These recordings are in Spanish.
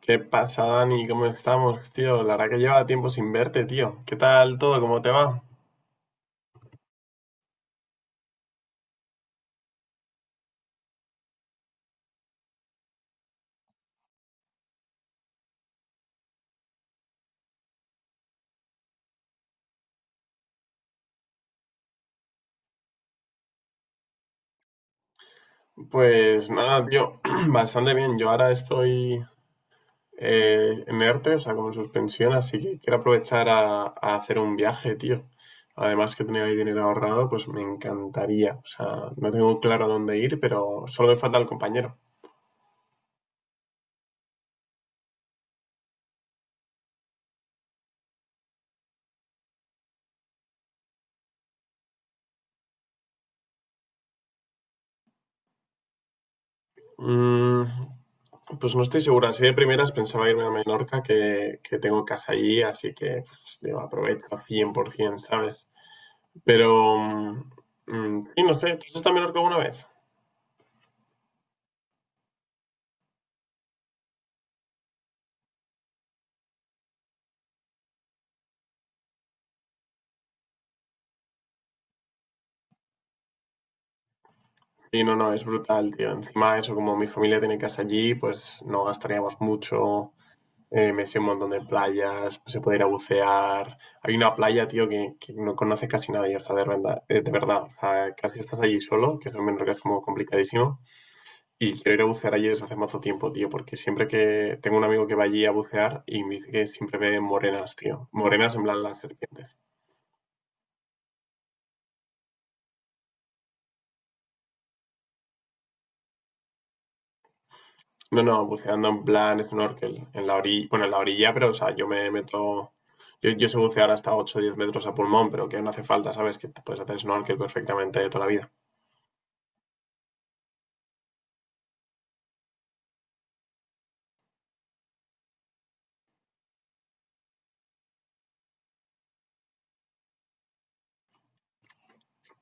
¿Qué pasa, Dani? ¿Cómo estamos, tío? La verdad que lleva tiempo sin verte, tío. ¿Qué tal todo? ¿Cómo te va? Pues nada, tío, bastante bien. Yo ahora estoy en ERTE, o sea, como en suspensión, así que quiero aprovechar a hacer un viaje, tío. Además que tenía ahí dinero ahorrado, pues me encantaría. O sea, no tengo claro a dónde ir, pero solo me falta el compañero. Mm, Pues no estoy segura. Así de primeras pensaba irme a Menorca, que tengo casa allí, así que pues, digo, aprovecho 100%, ¿sabes? Pero, sí, no sé, ¿tú has estado en Menorca alguna vez? Sí, no, no, es brutal, tío. Encima eso, como mi familia tiene casa allí, pues no gastaríamos mucho. Me sé un montón de playas, se puede ir a bucear. Hay una playa, tío, que no conoce casi nadie, o sea, de verdad, o sea, casi estás allí solo, que eso en Menorca es como complicadísimo. Y quiero ir a bucear allí desde hace mazo tiempo, tío, porque siempre que tengo un amigo que va allí a bucear y me dice que siempre ve morenas, tío. Morenas en plan las serpientes. No, no, buceando en plan snorkel, en la orilla, bueno, en la orilla, pero o sea, yo me meto, yo sé bucear hasta 8 o 10 metros a pulmón, pero que no hace falta, ¿sabes? Que te puedes hacer snorkel perfectamente de toda la vida.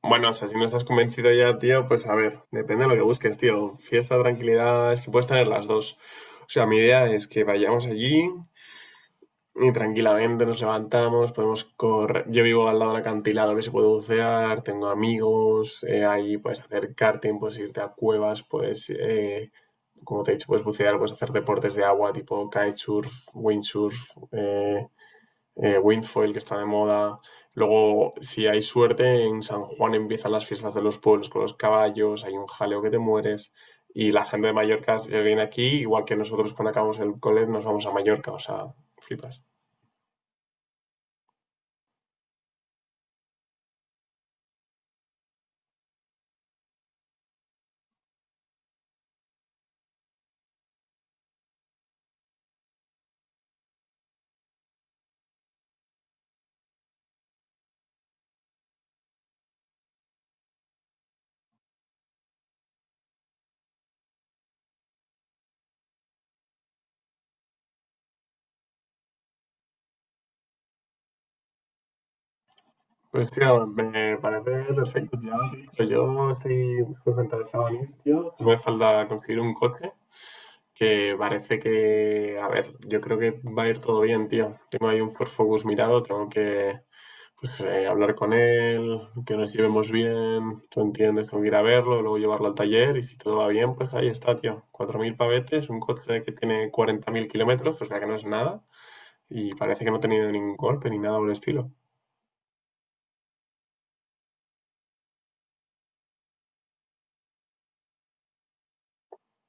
Bueno, o sea, si no estás convencido ya, tío, pues a ver, depende de lo que busques, tío. Fiesta, tranquilidad, es que puedes tener las dos. O sea, mi idea es que vayamos allí, y tranquilamente nos levantamos, podemos correr. Yo vivo al lado de un acantilado que se puede bucear, tengo amigos, ahí puedes hacer karting, puedes irte a cuevas, como te he dicho, puedes bucear, puedes hacer deportes de agua tipo kitesurf, windsurf, windfoil que está de moda. Luego, si hay suerte, en San Juan empiezan las fiestas de los pueblos con los caballos, hay un jaleo que te mueres. Y la gente de Mallorca si viene aquí, igual que nosotros cuando acabamos el cole nos vamos a Mallorca, o sea, flipas. Pues tío, me parece perfecto. Ya lo he dicho, yo estoy súper interesado en ir, tío. No me falta conseguir un coche que parece que, a ver, yo creo que va a ir todo bien, tío. Tengo ahí un Ford Focus mirado, tengo que pues, hablar con él, que nos llevemos bien, tú entiendes, tengo que ir a verlo, luego llevarlo al taller y si todo va bien, pues ahí está, tío. 4.000 pavetes, un coche que tiene 40.000 kilómetros, o sea que no es nada y parece que no ha tenido ningún golpe ni nada por el estilo.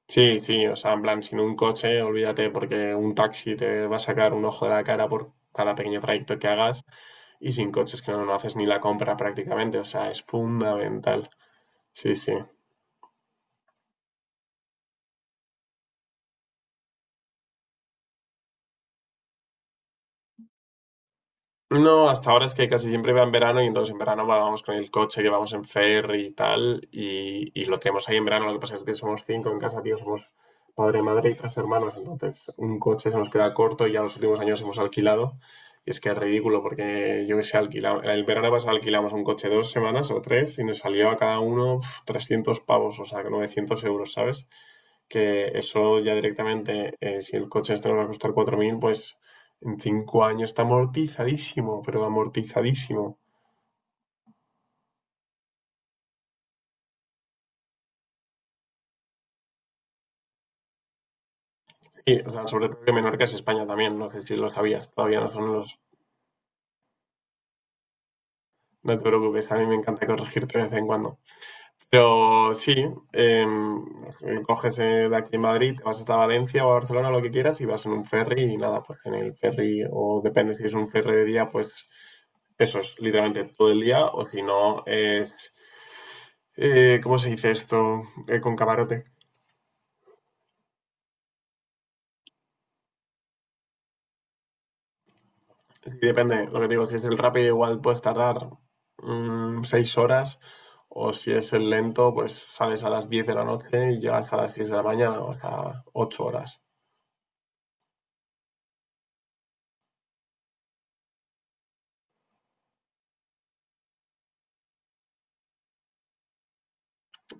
Sí, sí, o sea, en plan, sin un coche, olvídate, porque un taxi te va a sacar un ojo de la cara por cada pequeño trayecto que hagas, y sin coches, que no, no haces ni la compra prácticamente, o sea, es fundamental. Sí, sí. No, hasta ahora es que casi siempre va en verano y entonces en verano vamos con el coche que vamos en ferry y tal y lo tenemos ahí en verano. Lo que pasa es que somos cinco en casa, tío, somos padre, madre y tres hermanos, entonces un coche se nos queda corto y ya los últimos años hemos alquilado, y es que es ridículo porque yo que sé, el verano pasado alquilamos un coche 2 semanas o 3 y nos salió a cada uno 300 pavos, o sea, 900 euros, ¿sabes? Que eso ya directamente, si el coche este nos va a costar 4.000, pues en 5 años está amortizadísimo, pero amortizadísimo. Sí, o sea, sobre todo que Menorca es España también, no sé si lo sabías, todavía no son los... No te preocupes, a mí me encanta corregirte de vez en cuando. Pero sí, eh, coges de aquí en Madrid, te vas hasta Valencia o a Barcelona, lo que quieras, y vas en un ferry y nada, pues en el ferry, o depende si es un ferry de día, pues eso es literalmente todo el día, o si no, es... ¿Cómo se dice esto? Con camarote. Sí, depende, lo que te digo, si es el rápido igual puedes tardar 6 horas, o si es el lento pues sales a las 10 de la noche y llegas a las 6 de la mañana, o sea, 8 horas.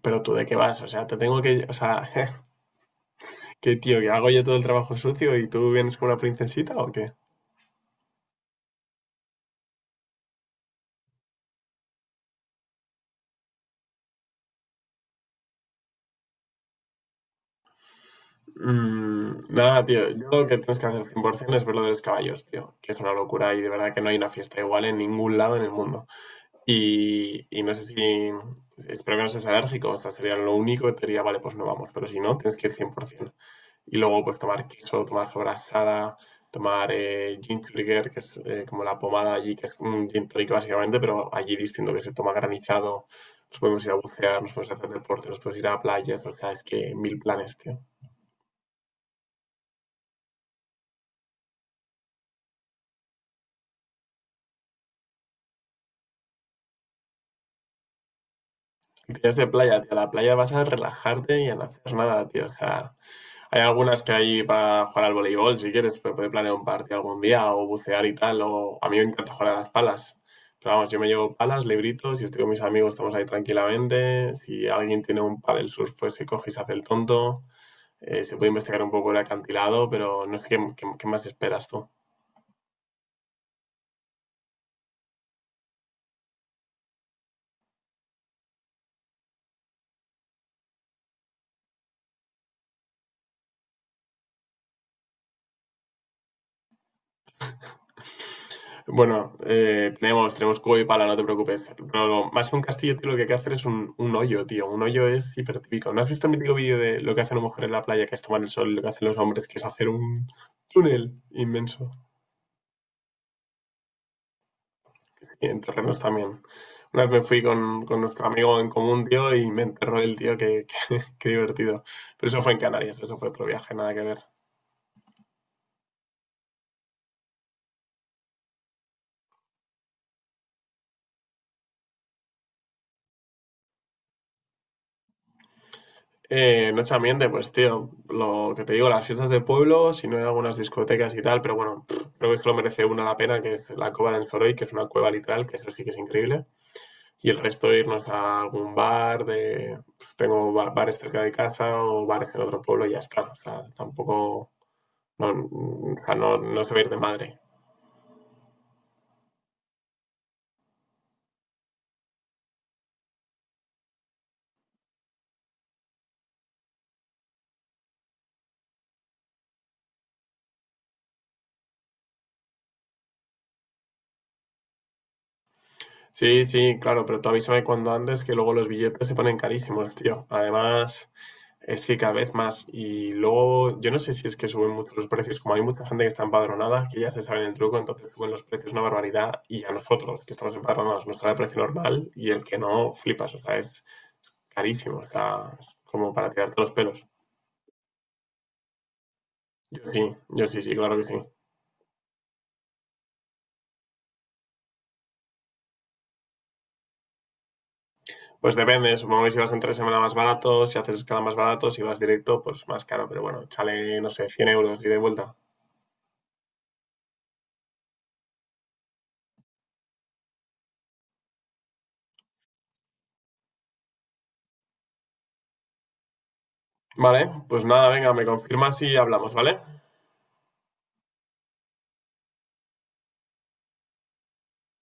¿Pero tú de qué vas? O sea, te tengo que, o sea, qué tío, que hago yo todo el trabajo sucio y tú vienes como una princesita, ¿o qué? Nada, tío, yo lo que tienes que hacer 100% es ver lo de los caballos, tío, que es una locura y de verdad que no hay una fiesta igual en ningún lado en el mundo. Y no sé si. Espero que no seas alérgico, o sea, sería lo único que te diría, vale, pues no vamos, pero si no, tienes que ir 100%. Y luego, pues tomar queso, tomar sobrasada, tomar gin trigger, que es como la pomada allí, que es un gin tonic básicamente, pero allí diciendo que se toma granizado, nos podemos ir a bucear, nos podemos hacer deporte, nos podemos ir a playas, o sea, es que mil planes, tío. Actividades de playa, tío, a la playa vas a relajarte y a no hacer nada, tío, o sea, hay algunas que hay para jugar al voleibol, si quieres, pero puede planear un partido algún día o bucear y tal. A mí me encanta jugar a las palas. Pero vamos, yo me llevo palas, libritos, y estoy con mis amigos, estamos ahí tranquilamente. Si alguien tiene un paddle surf, pues se coge y se hace el tonto. Se puede investigar un poco el acantilado, pero no sé qué, qué más esperas tú. Bueno, tenemos cubo y pala, no te preocupes. Pero más que un castillo, tío, lo que hay que hacer es un hoyo, tío. Un hoyo es hipertípico. ¿No has visto el mítico vídeo de lo que hace una mujer en la playa, que es tomar el sol, y lo que hacen los hombres, que es hacer un túnel inmenso? Y en terrenos también. Una vez me fui con nuestro amigo en común, tío, y me enterró el tío, qué divertido. Pero eso fue en Canarias, eso fue otro viaje, nada que ver. Noche ambiente, pues tío, lo que te digo, las fiestas de pueblo, si no hay algunas discotecas y tal, pero bueno, creo que es que lo merece una la pena, que es la Cova del Soroy, que es una cueva literal, que eso sí que es increíble. Y el resto irnos a algún bar, de pues, tengo bares cerca de casa o bares en otro pueblo y ya está. O sea, tampoco, no, o sea, no, no se va a ir de madre. Sí, sí, claro, pero tú avísame cuando antes que luego los billetes se ponen carísimos, tío. Además... es que cada vez más. Y luego, yo no sé si es que suben mucho los precios, como hay mucha gente que está empadronada, que ya se saben el truco, entonces suben los precios una barbaridad. Y a nosotros, que estamos empadronados, nos sale el precio normal y el que no, flipas. O sea, es carísimo. O sea, es como para tirarte los pelos. Yo sí, yo sí, sí, claro que sí. Pues depende, supongo que si vas entre semana más barato, si haces escala más barato, si vas directo, pues más caro. Pero bueno, chale, no sé, 100 euros y de vuelta. Vale, pues nada, venga, me confirmas y hablamos, ¿vale?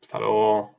Hasta luego.